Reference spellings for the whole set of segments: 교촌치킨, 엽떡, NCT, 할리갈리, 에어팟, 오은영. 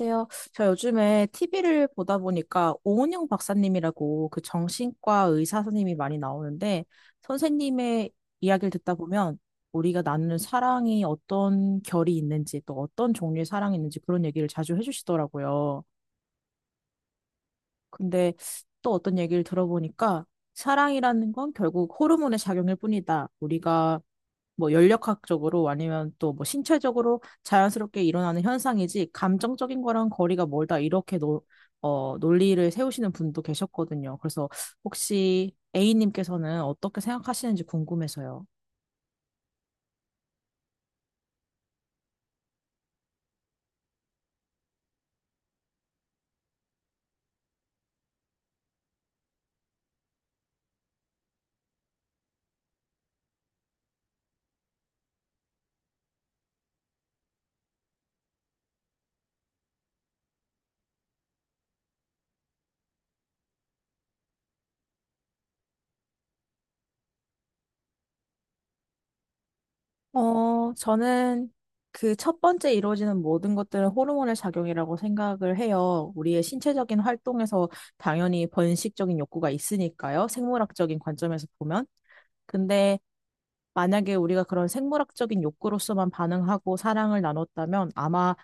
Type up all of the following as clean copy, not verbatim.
안녕하세요. 저 요즘에 TV를 보다 보니까 오은영 박사님이라고 그 정신과 의사 선생님이 많이 나오는데 선생님의 이야기를 듣다 보면 우리가 나누는 사랑이 어떤 결이 있는지 또 어떤 종류의 사랑이 있는지 그런 얘기를 자주 해주시더라고요. 근데 또 어떤 얘기를 들어보니까 사랑이라는 건 결국 호르몬의 작용일 뿐이다. 우리가 뭐 연력학적으로 아니면 또 뭐 신체적으로 자연스럽게 일어나는 현상이지 감정적인 거랑 거리가 멀다 이렇게 논리를 세우시는 분도 계셨거든요. 그래서 혹시 A님께서는 어떻게 생각하시는지 궁금해서요. 저는 그 첫 번째 이루어지는 모든 것들은 호르몬의 작용이라고 생각을 해요. 우리의 신체적인 활동에서 당연히 번식적인 욕구가 있으니까요. 생물학적인 관점에서 보면. 근데 만약에 우리가 그런 생물학적인 욕구로서만 반응하고 사랑을 나눴다면 아마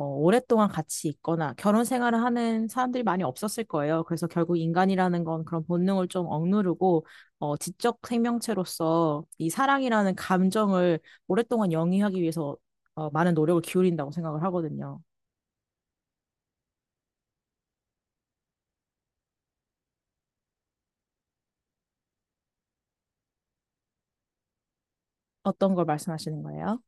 오랫동안 같이 있거나 결혼 생활을 하는 사람들이 많이 없었을 거예요. 그래서 결국 인간이라는 건 그런 본능을 좀 억누르고 지적 생명체로서 이 사랑이라는 감정을 오랫동안 영위하기 위해서 많은 노력을 기울인다고 생각을 하거든요. 어떤 걸 말씀하시는 거예요?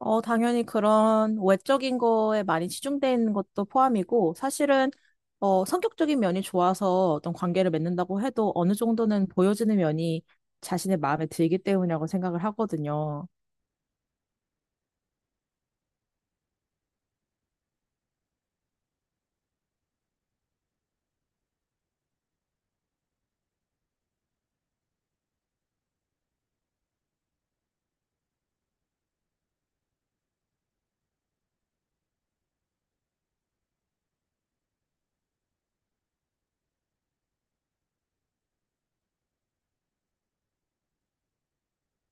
당연히 그런 외적인 거에 많이 치중되어 있는 것도 포함이고, 사실은, 성격적인 면이 좋아서 어떤 관계를 맺는다고 해도 어느 정도는 보여지는 면이 자신의 마음에 들기 때문이라고 생각을 하거든요.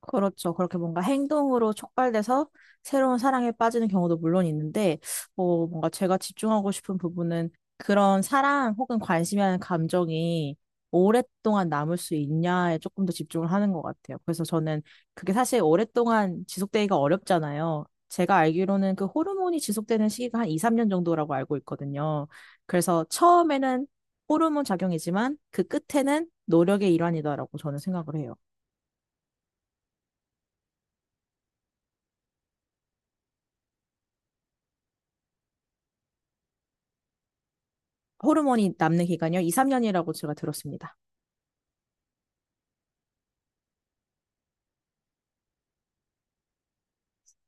그렇죠. 그렇게 뭔가 행동으로 촉발돼서 새로운 사랑에 빠지는 경우도 물론 있는데, 뭔가 제가 집중하고 싶은 부분은 그런 사랑 혹은 관심이라는 감정이 오랫동안 남을 수 있냐에 조금 더 집중을 하는 것 같아요. 그래서 저는 그게 사실 오랫동안 지속되기가 어렵잖아요. 제가 알기로는 그 호르몬이 지속되는 시기가 한 2, 3년 정도라고 알고 있거든요. 그래서 처음에는 호르몬 작용이지만 그 끝에는 노력의 일환이다라고 저는 생각을 해요. 호르몬이 남는 기간이요? 2, 3년이라고 제가 들었습니다.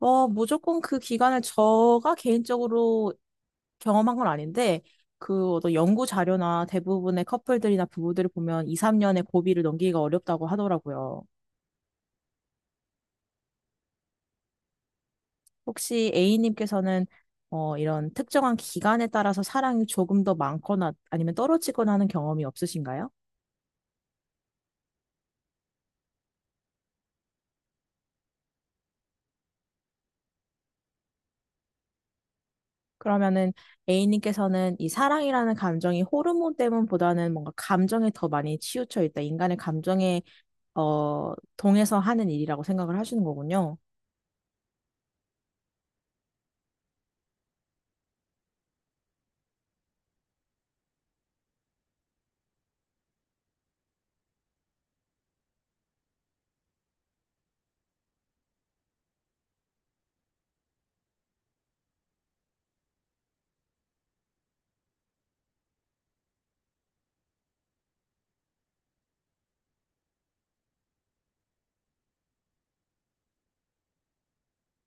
무조건 그 기간을 제가 개인적으로 경험한 건 아닌데, 그 어떤 연구 자료나 대부분의 커플들이나 부부들을 보면 2, 3년의 고비를 넘기기가 어렵다고 하더라고요. 혹시 A님께서는 이런 특정한 기간에 따라서 사랑이 조금 더 많거나 아니면 떨어지거나 하는 경험이 없으신가요? 그러면은 A님께서는 이 사랑이라는 감정이 호르몬 때문보다는 뭔가 감정에 더 많이 치우쳐 있다. 인간의 감정에 동해서 하는 일이라고 생각을 하시는 거군요.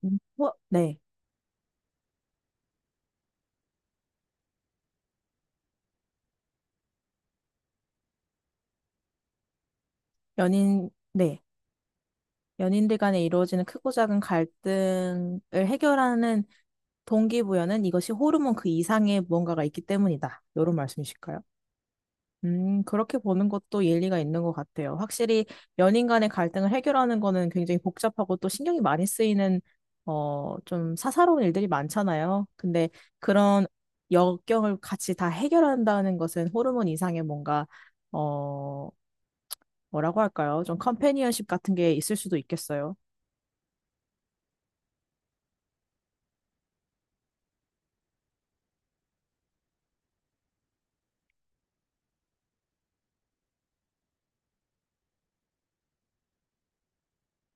음. 뭐, 네. 연인, 네. 연인들 간에 이루어지는 크고 작은 갈등을 해결하는 동기부여는 이것이 호르몬 그 이상의 무언가가 있기 때문이다. 이런 말씀이실까요? 그렇게 보는 것도 일리가 있는 것 같아요. 확실히 연인 간의 갈등을 해결하는 거는 굉장히 복잡하고 또 신경이 많이 쓰이는, 좀 사사로운 일들이 많잖아요. 근데 그런 역경을 같이 다 해결한다는 것은 호르몬 이상의 뭔가, 어, 뭐라고 할까요? 좀 컴패니언십 같은 게 있을 수도 있겠어요.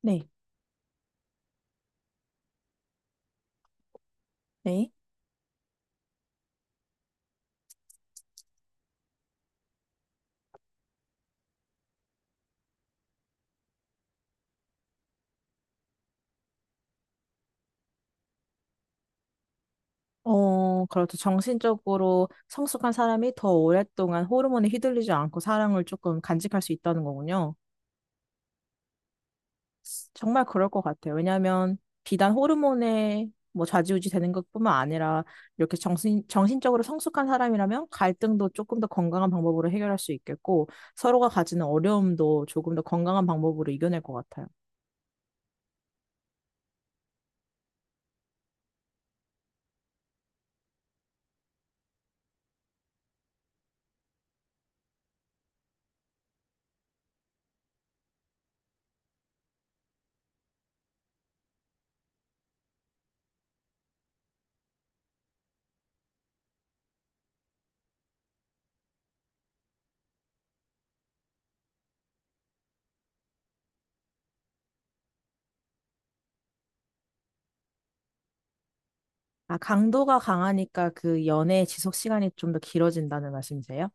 네. 네. 그렇죠. 정신적으로 성숙한 사람이 더 오랫동안 호르몬에 휘둘리지 않고 사랑을 조금 간직할 수 있다는 거군요. 정말 그럴 것 같아요. 왜냐하면 비단 호르몬에 뭐 좌지우지 되는 것뿐만 아니라 이렇게 정신적으로 성숙한 사람이라면 갈등도 조금 더 건강한 방법으로 해결할 수 있겠고 서로가 가지는 어려움도 조금 더 건강한 방법으로 이겨낼 것 같아요. 아, 강도가 강하니까 그 연애의 지속 시간이 좀 더 길어진다는 말씀이세요?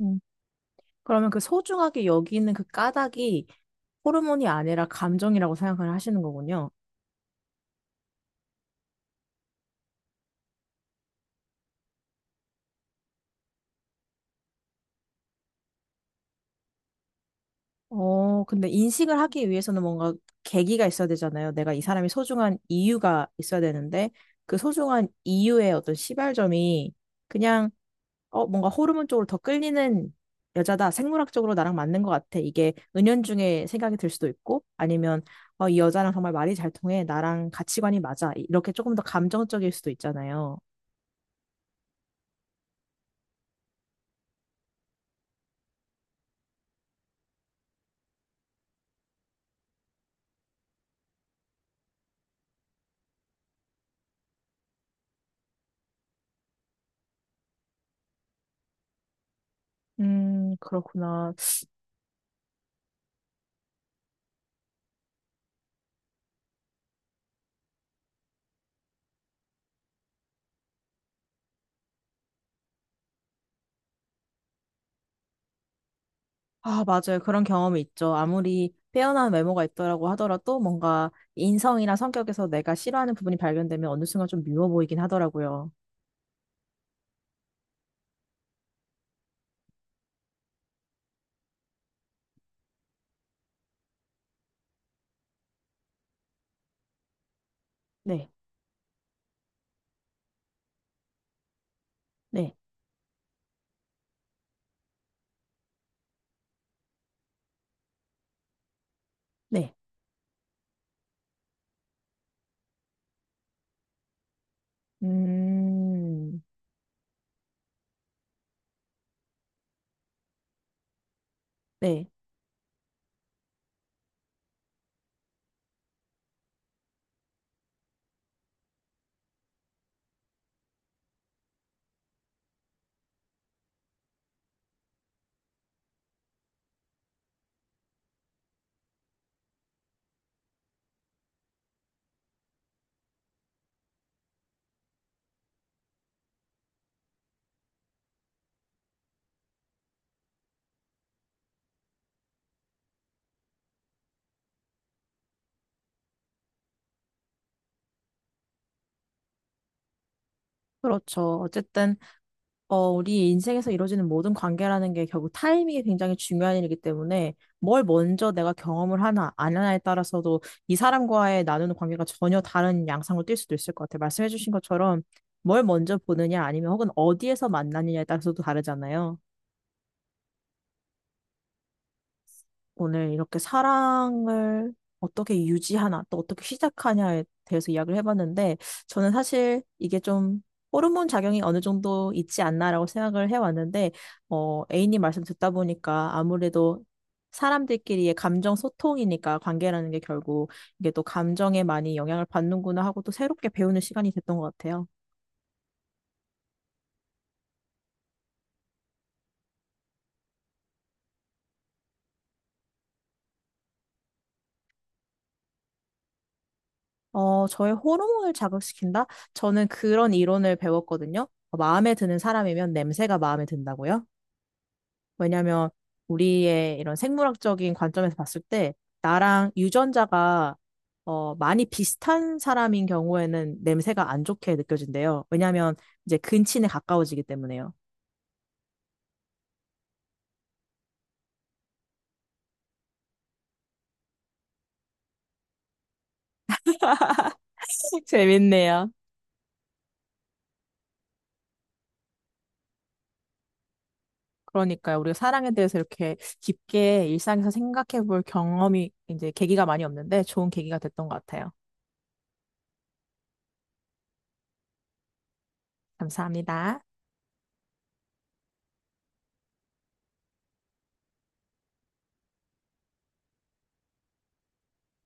음. 그러면 그 소중하게 여기는 그 까닭이 호르몬이 아니라 감정이라고 생각을 하시는 거군요. 근데 인식을 하기 위해서는 뭔가 계기가 있어야 되잖아요. 내가 이 사람이 소중한 이유가 있어야 되는데, 그 소중한 이유의 어떤 시발점이 그냥, 뭔가 호르몬 쪽으로 더 끌리는 여자다. 생물학적으로 나랑 맞는 것 같아. 이게 은연중에 생각이 들 수도 있고, 아니면, 이 여자랑 정말 말이 잘 통해. 나랑 가치관이 맞아. 이렇게 조금 더 감정적일 수도 있잖아요. 그렇구나. 아, 맞아요. 그런 경험이 있죠. 아무리 빼어난 외모가 있더라고 하더라도 뭔가 인성이나 성격에서 내가 싫어하는 부분이 발견되면 어느 순간 좀 미워 보이긴 하더라고요. 네, 네, 네. 음, 네. 그렇죠. 어쨌든 우리 인생에서 이루어지는 모든 관계라는 게 결국 타이밍이 굉장히 중요한 일이기 때문에 뭘 먼저 내가 경험을 하나, 안 하나에 따라서도 이 사람과의 나누는 관계가 전혀 다른 양상으로 뛸 수도 있을 것 같아요. 말씀해주신 것처럼 뭘 먼저 보느냐 아니면 혹은 어디에서 만나느냐에 따라서도 다르잖아요. 오늘 이렇게 사랑을 어떻게 유지하나, 또 어떻게 시작하냐에 대해서 이야기를 해봤는데, 저는 사실 이게 좀 호르몬 작용이 어느 정도 있지 않나라고 생각을 해왔는데, A님 말씀 듣다 보니까 아무래도 사람들끼리의 감정 소통이니까 관계라는 게 결국 이게 또 감정에 많이 영향을 받는구나 하고 또 새롭게 배우는 시간이 됐던 것 같아요. 저의 호르몬을 자극시킨다? 저는 그런 이론을 배웠거든요. 마음에 드는 사람이면 냄새가 마음에 든다고요? 왜냐면 우리의 이런 생물학적인 관점에서 봤을 때 나랑 유전자가 많이 비슷한 사람인 경우에는 냄새가 안 좋게 느껴진대요. 왜냐면 이제 근친에 가까워지기 때문에요. 재밌네요. 그러니까요. 우리가 사랑에 대해서 이렇게 깊게 일상에서 생각해 볼 경험이 이제 계기가 많이 없는데 좋은 계기가 됐던 것 같아요. 감사합니다.